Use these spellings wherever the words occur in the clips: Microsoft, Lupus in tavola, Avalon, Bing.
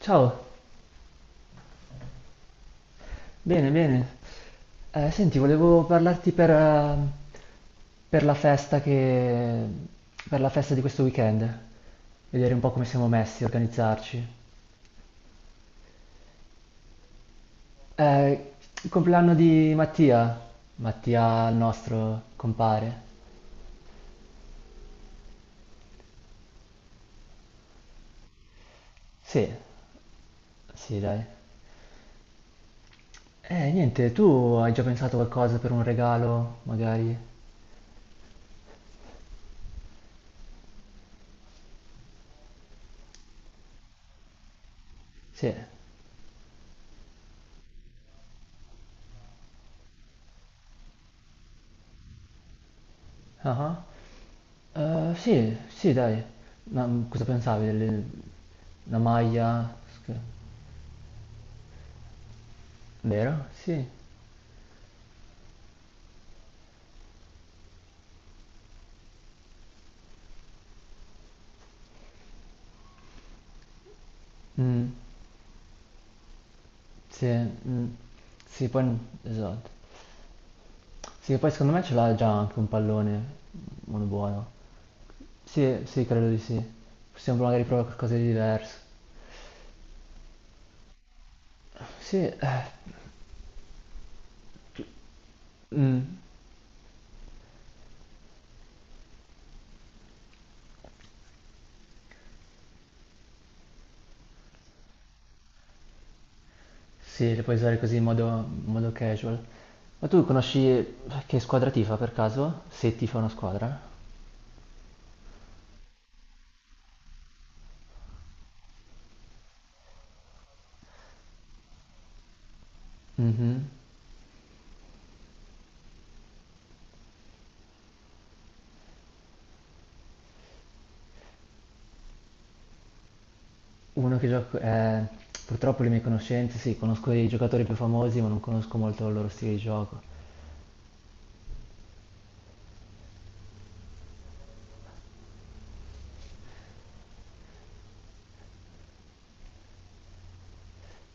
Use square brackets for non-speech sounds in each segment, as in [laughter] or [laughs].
Ciao, bene, bene. Senti, volevo parlarti per la festa per la festa di questo weekend, vedere un po' come siamo messi, organizzarci. Eh, il compleanno di Mattia, Mattia, il nostro compare. Sì, sì, dai. Niente, tu hai già pensato qualcosa per un regalo, magari? Sì. Ah ah. Sì, sì, dai. Ma cosa pensavi? Delle... Una maglia? Sc- Vero? Sì. Mm, sì, mm, sì, poi... Esatto. Sì, poi secondo me ce l'ha già anche un pallone, uno buono. Sì, sì, credo di sì. Possiamo magari provare qualcosa di diverso. Sì, mm, sì, le puoi usare così in modo casual. Ma tu conosci che squadra tifa per caso? Se tifa una squadra? Mhm. Uno che gioco... purtroppo le mie conoscenze, sì, conosco i giocatori più famosi, ma non conosco molto il loro stile di gioco.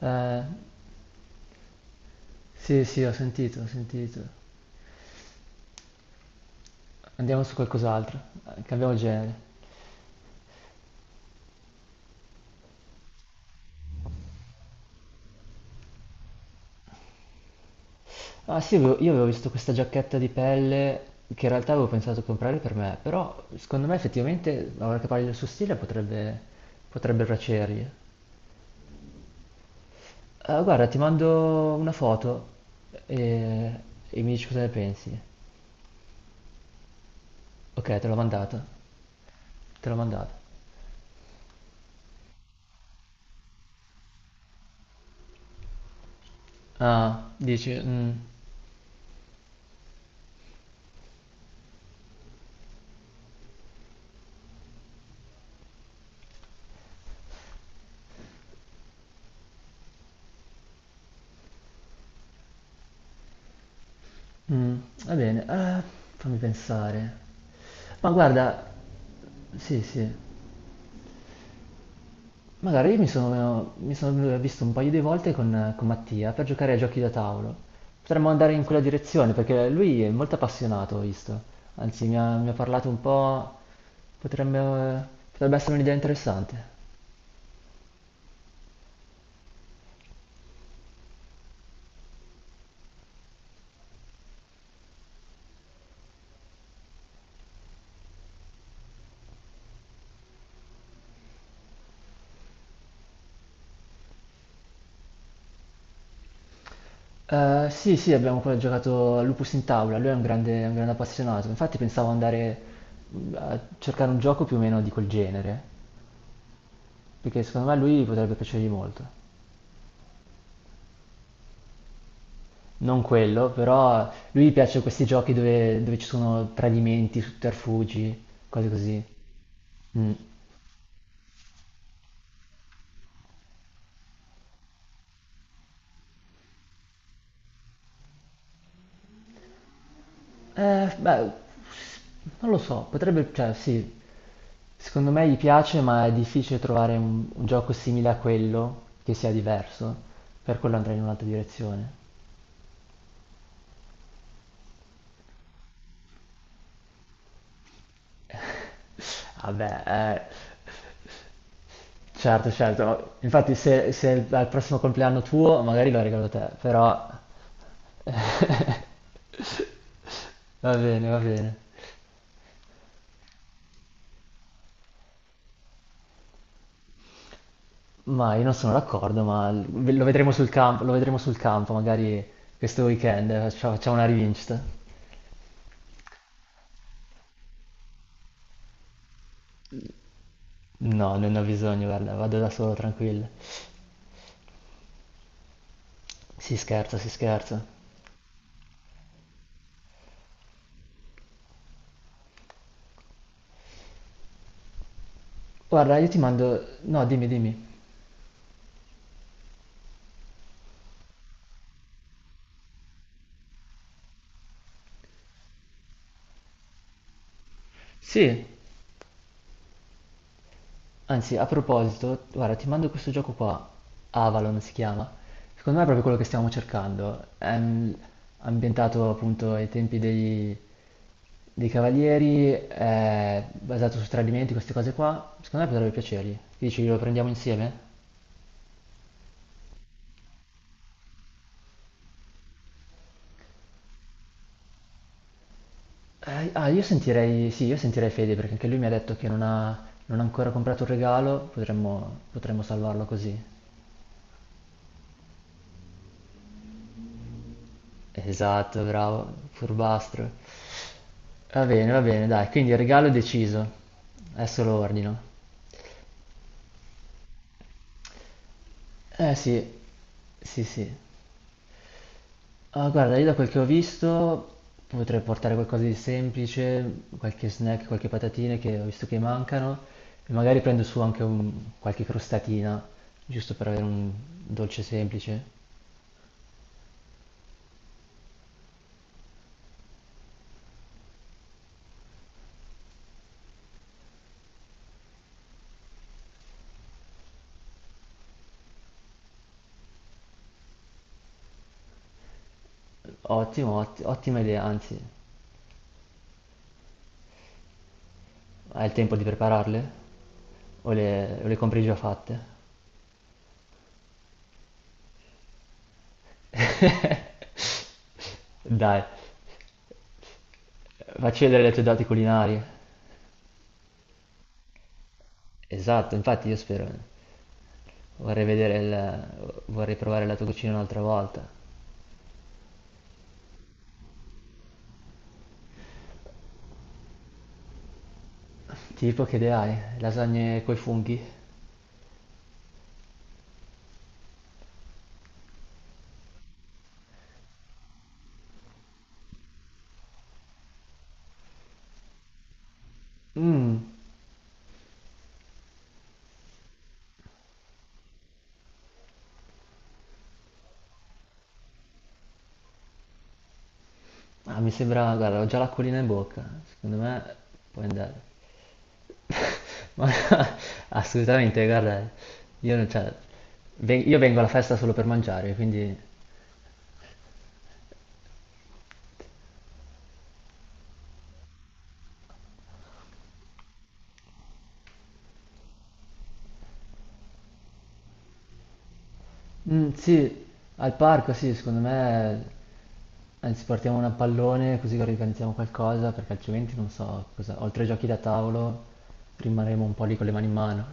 Eh, sì, sì, ho sentito, ho sentito. Andiamo su qualcos'altro, cambiamo genere. Ah sì, avevo- io avevo visto questa giacchetta di pelle che in realtà avevo pensato di comprare per me, però secondo me effettivamente, ora che parli del suo stile, potrebbe, potrebbe piacergli. Guarda, ti mando una foto e, e mi dici cosa ne pensi. Ok, te l'ho mandato, te l'ho mandato. Ah, dici, mm, mm, va bene, fammi pensare. Ma guarda, sì, sì, magari mi sono visto un paio di volte con Mattia per giocare ai giochi da tavolo. Potremmo andare in quella direzione perché lui è molto appassionato, ho visto. Anzi, mi ha parlato un po', potrebbe, potrebbe essere un'idea interessante. Sì, sì, abbiamo ancora giocato a Lupus in tavola, lui è un grande appassionato, infatti pensavo andare a cercare un gioco più o meno di quel genere, perché secondo me a lui potrebbe piacergli molto. Non quello, però lui piace questi giochi dove, dove ci sono tradimenti, sotterfugi, cose così. Mm. Beh, non lo so, potrebbe, cioè sì, secondo me gli piace, ma è difficile trovare un gioco simile a quello che sia diverso, per quello andrei in un'altra direzione. Vabbè, eh, certo, certo. Infatti, se, se al prossimo compleanno tuo, magari lo regalo a te, però va bene, va bene. Ma io non sono d'accordo, ma l- ve- lo vedremo sul campo, lo vedremo sul campo, magari questo weekend faccia- facciamo una rivincita. No, non ho bisogno, guarda, vado da solo, tranquillo. Si scherza, si scherza. Guarda, io ti mando... No, dimmi, dimmi. Sì. Anzi, a proposito, guarda, ti mando questo gioco qua, Avalon si chiama. Secondo me è proprio quello che stiamo cercando. È ambientato appunto ai tempi dei, dei Cavalieri, è basato su tradimenti, queste cose qua. Secondo me potrebbe piacergli. Che dici, lo prendiamo insieme? Io sentirei, sì, io sentirei Fede perché anche lui mi ha detto che non ha, non ha ancora comprato un regalo, potremmo, potremmo salvarlo così. Esatto, bravo, furbastro. Va bene, dai, quindi il regalo è deciso. Adesso lo ordino. Eh sì, sì sì. Ah, guarda, io da quel che ho visto potrei portare qualcosa di semplice, qualche snack, qualche patatine che ho visto che mancano e magari prendo su anche un- qualche crostatina, giusto per avere un dolce semplice. Ottimo, otti- ottima idea, anzi, hai il tempo di prepararle? O le compri già fatte? Dai, facci vedere le tue doti culinarie. Esatto, infatti io spero, vorrei vedere il, vorrei provare la tua cucina un'altra volta. Tipo che idea hai? Lasagne coi funghi? Mmm, ah, mi sembra, guarda, ho già l'acquolina in bocca, secondo me puoi andare. [laughs] Ma [laughs] assolutamente, guarda, io non c'è, ven- io vengo alla festa solo per mangiare, quindi... Mm, sì, al parco sì, secondo me anzi, partiamo una pallone così che organizziamo qualcosa, perché altrimenti non so cosa. Oltre ai giochi da tavolo, rimarremo un po' lì con le mani in mano.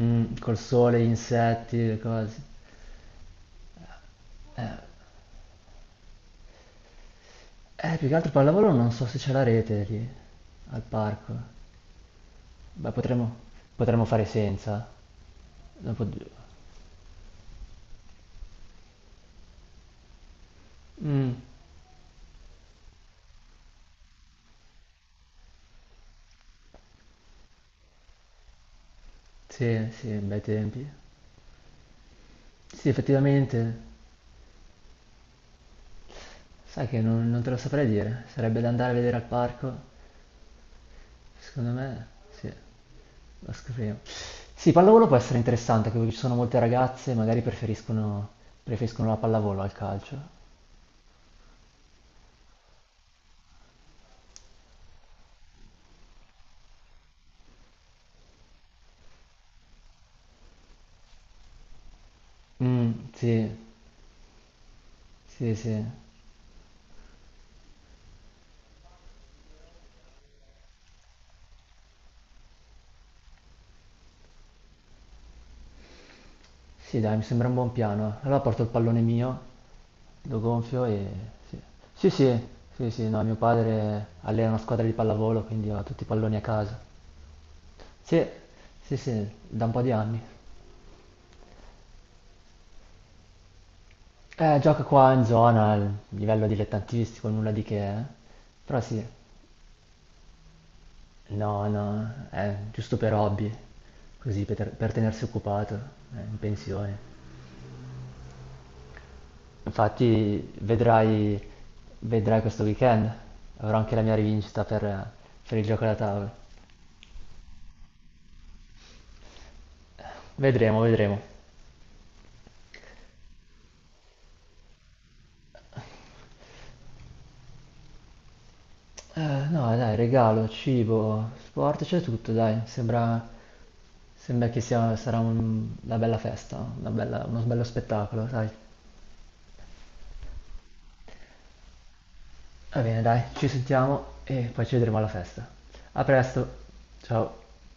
Mm, col sole, gli insetti, le cose. Più che altro pallavolo non so se c'è la rete lì, al parco. Beh, potremmo, potremmo fare senza. Dopo... Mm, sì, sì, bei tempi. Sì, effettivamente, sai che non, non te lo saprei dire. Sarebbe da andare a vedere al parco. Secondo me, sì. Lo scopriamo. Sì, pallavolo può essere interessante, anche perché ci sono molte ragazze, magari preferiscono, preferiscono la pallavolo al calcio. Mm, sì, sì, sì. Sì, dai, mi sembra un buon piano. Allora porto il pallone mio, lo gonfio e... Sì, sì, sì, sì, sì, no, mio padre allena una squadra di pallavolo, quindi ho tutti i palloni a casa. Sì, sì, sì, da un po' di anni. Gioca qua in zona, al livello dilettantistico, nulla di che, eh. Però sì. No, no, è giusto per hobby, così per tenersi occupato, in pensione. Infatti vedrai, vedrai questo weekend, avrò anche la mia rivincita per il gioco da tavola. Vedremo, vedremo. Eh, no, dai, regalo, cibo, sport, c'è tutto, dai, sembra, sembra che sia, sarà un- una bella festa, una bella- uno bello spettacolo, dai. Va bene, dai, ci sentiamo e poi ci vedremo alla festa. A presto, ciao.